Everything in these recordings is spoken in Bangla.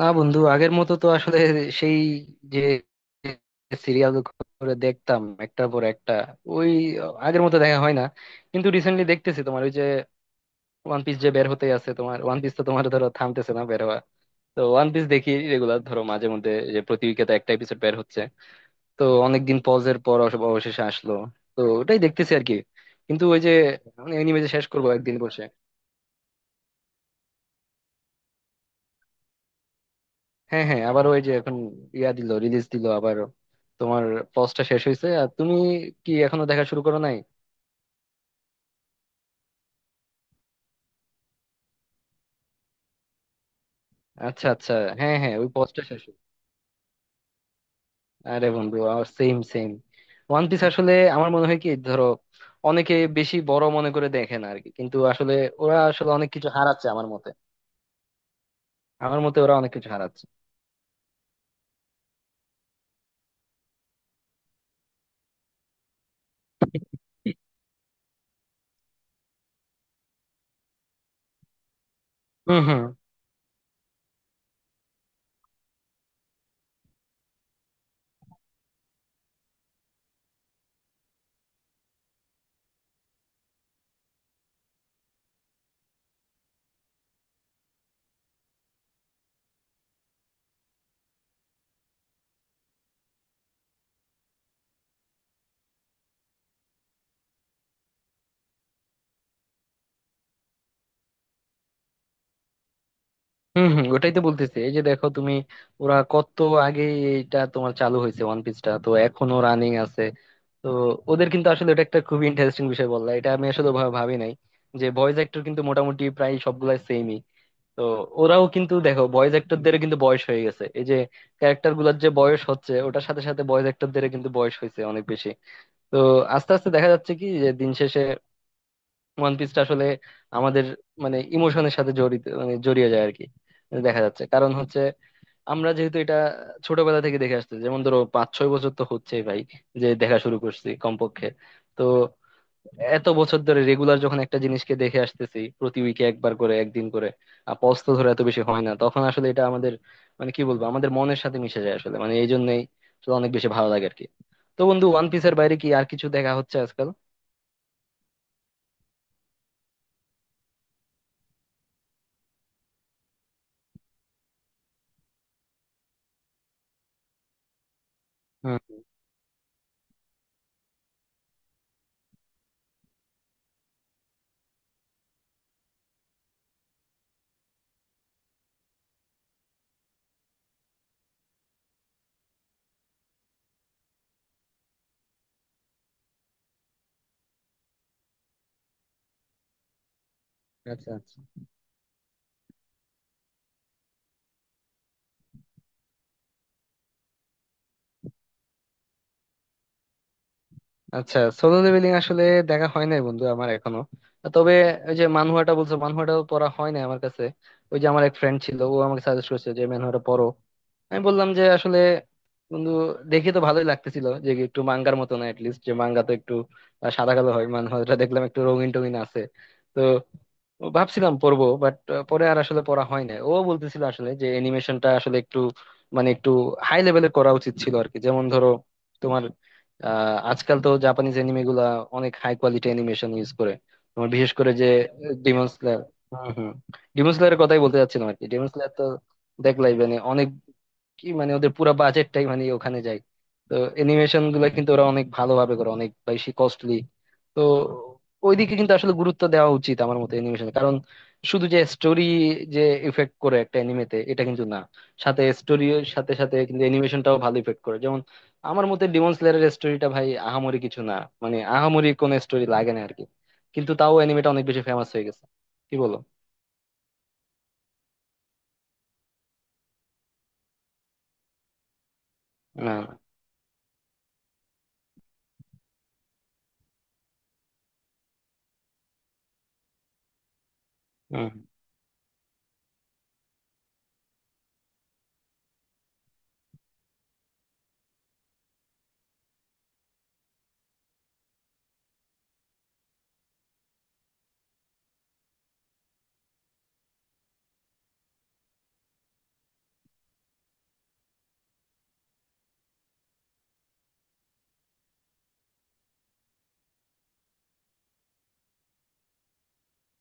না বন্ধু, আগের মতো তো আসলে সেই যে সিরিয়াল করে দেখতাম একটার পর একটা, ওই আগের মতো দেখা হয় না। কিন্তু রিসেন্টলি দেখতেছি তোমার ওই যে ওয়ান পিস যে বের হতে আছে, তোমার ওয়ান পিস তো তোমার ধরো থামতেছে না বের হওয়া। তো ওয়ান পিস দেখি রেগুলার, ধরো মাঝে মধ্যে যে প্রতি উইকে একটা এপিসোড বের হচ্ছে। তো অনেকদিন পজের পর অবশেষে আসলো। তো ওটাই দেখতেছি আর কি। কিন্তু ওই যে অ্যানিমে যে শেষ করবো একদিন বসে। হ্যাঁ হ্যাঁ, আবার ওই যে এখন ইয়া দিল, রিলিজ দিল আবার। তোমার পজটা শেষ হয়েছে, আর তুমি কি এখনো দেখা শুরু করো নাই? আচ্ছা আচ্ছা। হ্যাঁ হ্যাঁ, ওই পজটা শেষ হয়েছে। আরে বন্ধু, আমার সেম সেম। ওয়ান পিস আসলে আমার মনে হয় কি, ধরো অনেকে বেশি বড় মনে করে দেখে না আর কি, কিন্তু আসলে ওরা আসলে অনেক কিছু হারাচ্ছে আমার মতে। আমার মতে ওরা অনেক কিছু হারাচ্ছে। হম হম হম। ওটাই তো বলতেছি, এই যে দেখো তুমি, ওরা কত আগে এটা তোমার চালু হয়েছে, ওয়ান পিসটা তো এখনো রানিং আছে। তো ওদের কিন্তু আসলে এটা একটা খুবই ইন্টারেস্টিং বিষয় বললা, এটা আমি আসলে ভাবি নাই যে ভয়েস অ্যাক্টর কিন্তু মোটামুটি প্রায় সবগুলাই সেমই। তো ওরাও কিন্তু দেখো, ভয়েস অ্যাক্টরদের কিন্তু বয়স হয়ে গেছে। এই যে ক্যারেক্টার গুলার যে বয়স হচ্ছে, ওটার সাথে সাথে ভয়েস অ্যাক্টরদের কিন্তু বয়স হয়েছে অনেক বেশি। তো আস্তে আস্তে দেখা যাচ্ছে কি, যে দিন শেষে ওয়ান পিসটা আসলে আমাদের মানে ইমোশনের সাথে জড়িত, মানে জড়িয়ে যায় আর কি। দেখা যাচ্ছে, কারণ হচ্ছে আমরা যেহেতু এটা ছোটবেলা থেকে দেখে আসছি। যেমন ধরো 5-6 বছর তো হচ্ছেই ভাই, যে দেখা শুরু করছি কমপক্ষে। তো এত বছর ধরে রেগুলার যখন একটা জিনিসকে দেখে আসতেছি প্রতি উইকে একবার করে, একদিন করে, আর পজ তো ধরে এত বেশি হয় না, তখন আসলে এটা আমাদের মানে কি বলবো আমাদের মনের সাথে মিশে যায় আসলে, মানে এই জন্যই আসলে অনেক বেশি ভালো লাগে আর কি। তো বন্ধু, ওয়ান পিসের বাইরে কি আর কিছু দেখা হচ্ছে আজকাল? হ্যাঁ। আচ্ছা আচ্ছা। আচ্ছা, সোলো লেভেলিং আসলে দেখা হয় নাই বন্ধু আমার এখনো। তবে ওই যে মানহুয়াটা বলছো, মানহুয়াটাও পড়া হয় নাই আমার কাছে। ওই যে আমার এক ফ্রেন্ড ছিল, ও আমাকে সাজেস্ট করছে যে ম্যানহুয়াটা পড়ো। আমি বললাম যে আসলে বন্ধু, দেখে তো ভালোই লাগতেছিল যে একটু মাঙ্গার মতো না, লিস্ট যে মাঙ্গা তো একটু সাদা কালো হয়, মানহাটা দেখলাম একটু রঙিন টঙিন আছে। তো ভাবছিলাম পড়বো, বাট পরে আর আসলে পড়া হয় না। ও বলতেছিল আসলে যে অ্যানিমেশনটা আসলে একটু মানে একটু হাই লেভেলে করা উচিত ছিল আর কি। যেমন ধরো তোমার আজকাল তো জাপানিজ অ্যানিমে গুলা অনেক হাই কোয়ালিটি অ্যানিমেশন ইউজ করে। তোমার বিশেষ করে যে ডিমন স্লেয়ার, হম হম, ডিমন স্লেয়ারের কথাই বলতে চাচ্ছিলাম আর কি। ডিমন স্লেয়ার তো দেখলাই মানে অনেক, কি মানে ওদের পুরো বাজেটটাই মানে ওখানে যায়। তো অ্যানিমেশন গুলা কিন্তু ওরা অনেক ভালোভাবে করে, অনেক বেশি কস্টলি। তো ওইদিকে কিন্তু আসলে গুরুত্ব দেওয়া উচিত আমার মতে, অ্যানিমেশন। কারণ শুধু যে স্টোরি যে ইফেক্ট করে একটা অ্যানিমেতে এটা কিন্তু না, সাথে স্টোরির সাথে সাথে কিন্তু অ্যানিমেশনটাও ভালো ইফেক্ট করে। যেমন আমার মতে ডিমন স্লেয়ারের স্টোরিটা ভাই আহামরি কিছু না, মানে আহামরি কোনো স্টোরি লাগে না আরকি, কিন্তু তাও অ্যানিমেটা অনেক বেশি ফেমাস হয়ে গেছে। কি বলো? না। হুম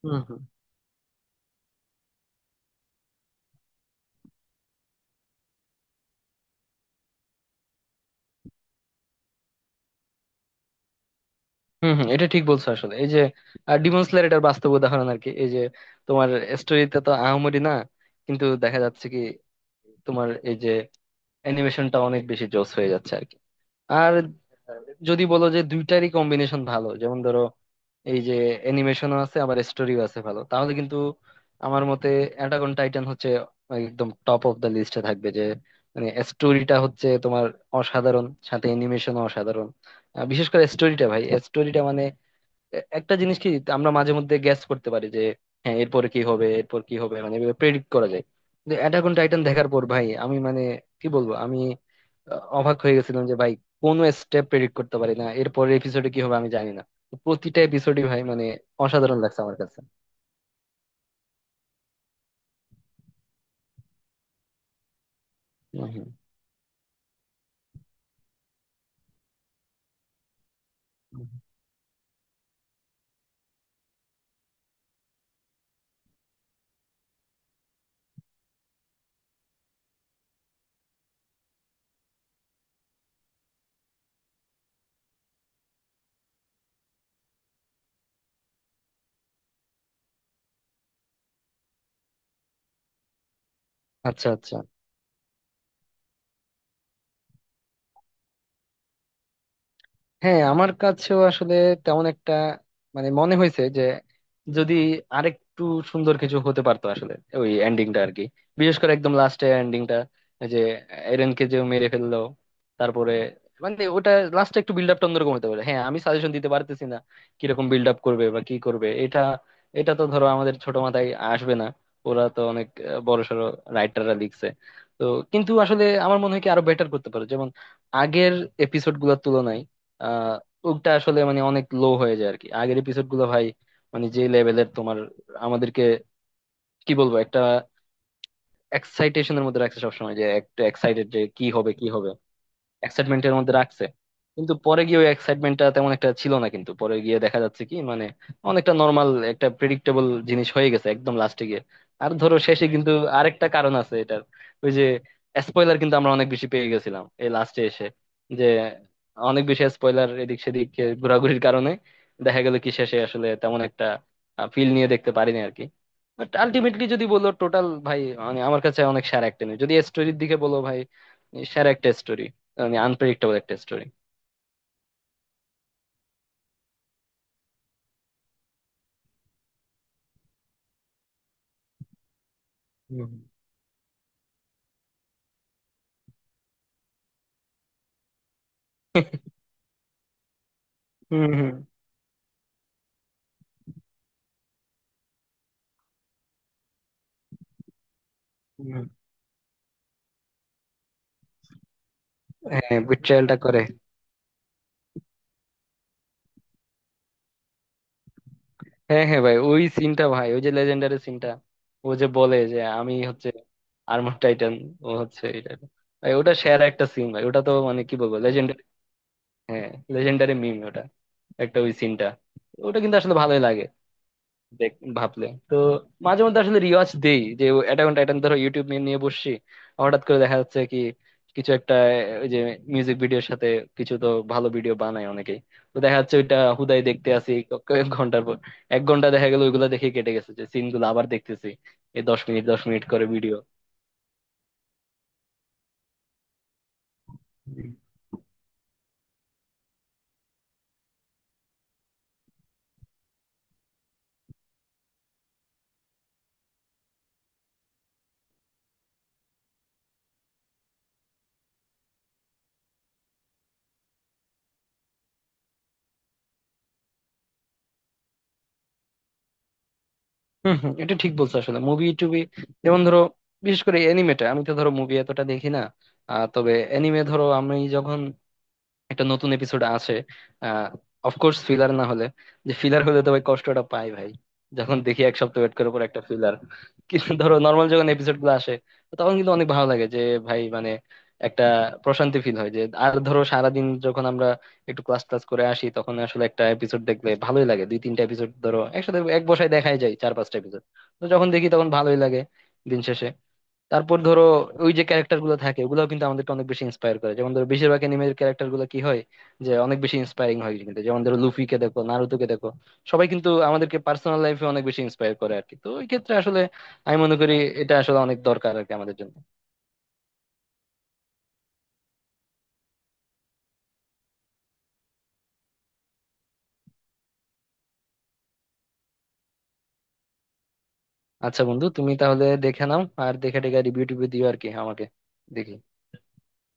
হুম। হম হম, এটা ঠিক বলছো আসলে, এই যে ডিমন স্লেয়ার এটার বাস্তব উদাহরণ আর কি। এই যে তোমার স্টোরিতে তো আহামরি না, কিন্তু দেখা যাচ্ছে কি তোমার এই যে অ্যানিমেশনটা অনেক বেশি জোস হয়ে যাচ্ছে আর কি। আর যদি বলো যে দুইটারই কম্বিনেশন ভালো, যেমন ধরো এই যে অ্যানিমেশনও আছে আবার স্টোরিও আছে ভালো, তাহলে কিন্তু আমার মতে অ্যাটাক অন টাইটান হচ্ছে একদম টপ অফ দ্য লিস্টে থাকবে। যে মানে স্টোরিটা হচ্ছে তোমার অসাধারণ, সাথে অ্যানিমেশনও অসাধারণ। বিশেষ করে স্টোরিটা ভাই, স্টোরিটা মানে একটা জিনিস কি, আমরা মাঝে মধ্যে গ্যাস করতে পারি যে হ্যাঁ এরপরে কি হবে, এরপর কি হবে, মানে প্রেডিক্ট করা যায়। কিন্তু অ্যাটাক অন টাইটান দেখার পর ভাই আমি মানে কি বলবো আমি, অবাক হয়ে গেছিলাম যে ভাই কোনো স্টেপ প্রেডিক্ট করতে পারি না, এরপর এপিসোডে কি হবে আমি জানি না। প্রতিটা এপিসোডই ভাই মানে অসাধারণ লাগছে আমার কাছে। হম হম। আচ্ছা আচ্ছা। হ্যাঁ, আমার কাছেও আসলে তেমন একটা মানে মনে হয়েছে যে যদি আরেকটু সুন্দর কিছু হতে পারতো আসলে ওই এন্ডিংটা আর কি। বিশেষ করে একদম লাস্টে এন্ডিংটা, যে এরেনকে যে মেরে ফেললো তারপরে, মানে ওটা লাস্টে একটু বিল্ড আপটা অন্যরকম হতে পারে। হ্যাঁ, আমি সাজেশন দিতে পারতেছি না কিরকম বিল্ড আপ করবে বা কি করবে, এটা এটা তো ধরো আমাদের ছোট মাথায় আসবে না, ওরা তো অনেক বড়সড় রাইটাররা লিখছে। তো কিন্তু আসলে আমার মনে হয় কি আরো বেটার করতে পারে, যেমন আগের এপিসোড গুলোর তুলনায় আহ ওটা আসলে মানে অনেক লো হয়ে যায় আর কি। আগের এপিসোড গুলো ভাই মানে যে লেভেলের তোমার আমাদেরকে কি বলবো একটা এক্সাইটেশনের মধ্যে রাখছে সবসময়, যে একটা এক্সাইটেড যে কি হবে কি হবে, এক্সাইটমেন্টের মধ্যে রাখছে। কিন্তু পরে গিয়ে ওই এক্সাইটমেন্টটা তেমন একটা ছিল না, কিন্তু পরে গিয়ে দেখা যাচ্ছে কি মানে অনেকটা নর্মাল একটা প্রেডিক্টেবল জিনিস হয়ে গেছে একদম লাস্টে গিয়ে। আর ধরো শেষে কিন্তু আরেকটা কারণ আছে এটার, ওই যে স্পয়লার কিন্তু আমরা অনেক বেশি পেয়ে গেছিলাম এই লাস্টে এসে, যে অনেক বেশি স্পয়লার এদিক সেদিক এ ঘোরাঘুরির কারণে দেখা গেল কি শেষে আসলে তেমন একটা ফিল নিয়ে দেখতে পারিনি আর কি। বাট আলটিমেটলি যদি বলো টোটাল ভাই মানে আমার কাছে অনেক সেরা একটা নিউজ, যদি স্টোরির দিকে বলো ভাই সেরা একটা স্টোরি, মানে আনপ্রেডিক্টেবল একটা স্টোরি। হুম হুম। হুম হুম। হ্যাঁ, বিট্রায়ালটা করে। হ্যাঁ হ্যাঁ ভাই, ওই সিনটা ভাই, ওই যে লেজেন্ডারি সিনটা, ও যে বলে যে আমি হচ্ছে আর্মার টাইটান, ও হচ্ছে এটা, ভাই ওটা সেরা একটা সিন ভাই, ওটা তো মানে কি বলবো লেজেন্ডারি। হ্যাঁ, লেজেন্ডারি মিম ওটা একটা, ওই সিনটা ওটা কিন্তু আসলে ভালোই লাগে দেখ। ভাবলে তো মাঝে মধ্যে আসলে রিওয়াজ দেই যে অ্যাটাক অন টাইটান ধরো ইউটিউব নিয়ে নিয়ে বসছি, হঠাৎ করে দেখা যাচ্ছে কি কিছু একটা ওই যে মিউজিক ভিডিওর সাথে, কিছু তো ভালো ভিডিও বানায় অনেকেই। তো দেখা যাচ্ছে ওইটা হুদাই দেখতে আসি, কয়েক ঘন্টার পর এক ঘন্টা দেখা গেল ওইগুলো দেখে কেটে গেছে, যে সিন গুলো আবার দেখতেছি এই 10 মিনিট 10 মিনিট করে ভিডিও। হম হম, এটা ঠিক বলছো আসলে। মুভি টুবি যেমন ধরো বিশেষ করে এনিমেটা, আমি তো ধরো মুভি এতটা দেখি না। তবে এনিমে ধরো আমি যখন একটা নতুন এপিসোড আছে, আহ অফকোর্স ফিলার না হলে, যে ফিলার হলে তো ভাই কষ্টটা পাই ভাই, যখন দেখি এক সপ্তাহ ওয়েট করার পর একটা ফিলার। কিন্তু ধরো নর্মাল যখন এপিসোড গুলো আসে তখন কিন্তু অনেক ভালো লাগে যে ভাই মানে একটা প্রশান্তি ফিল হয় যে। আর ধরো সারাদিন যখন আমরা একটু ক্লাস ক্লাস করে আসি, তখন আসলে একটা এপিসোড দেখলে ভালোই লাগে, দুই তিনটা এপিসোড ধরো একসাথে এক বসায় দেখাই যায়, চার পাঁচটা এপিসোড। তো যখন দেখি তখন ভালোই লাগে দিন শেষে। তারপর ধরো ওই যে ক্যারেক্টার গুলো থাকে ওগুলোও কিন্তু আমাদেরকে অনেক বেশি ইন্সপায়ার করে। যেমন ধরো বেশিরভাগ অ্যানিমের ক্যারেক্টার গুলো কি হয়, যে অনেক বেশি ইন্সপায়ারিং হয়। কিন্তু যেমন ধরো লুফিকে দেখো, নারুতোকে দেখো, সবাই কিন্তু আমাদেরকে পার্সোনাল লাইফে অনেক বেশি ইন্সপায়ার করে আর কি। তো ওই ক্ষেত্রে আসলে আমি মনে করি এটা আসলে অনেক দরকার আর কি আমাদের জন্য। আচ্ছা বন্ধু, তুমি তাহলে দেখে নাও আর দেখে টেখে রিভিউ টিভিউ দিও আর কি আমাকে। দেখি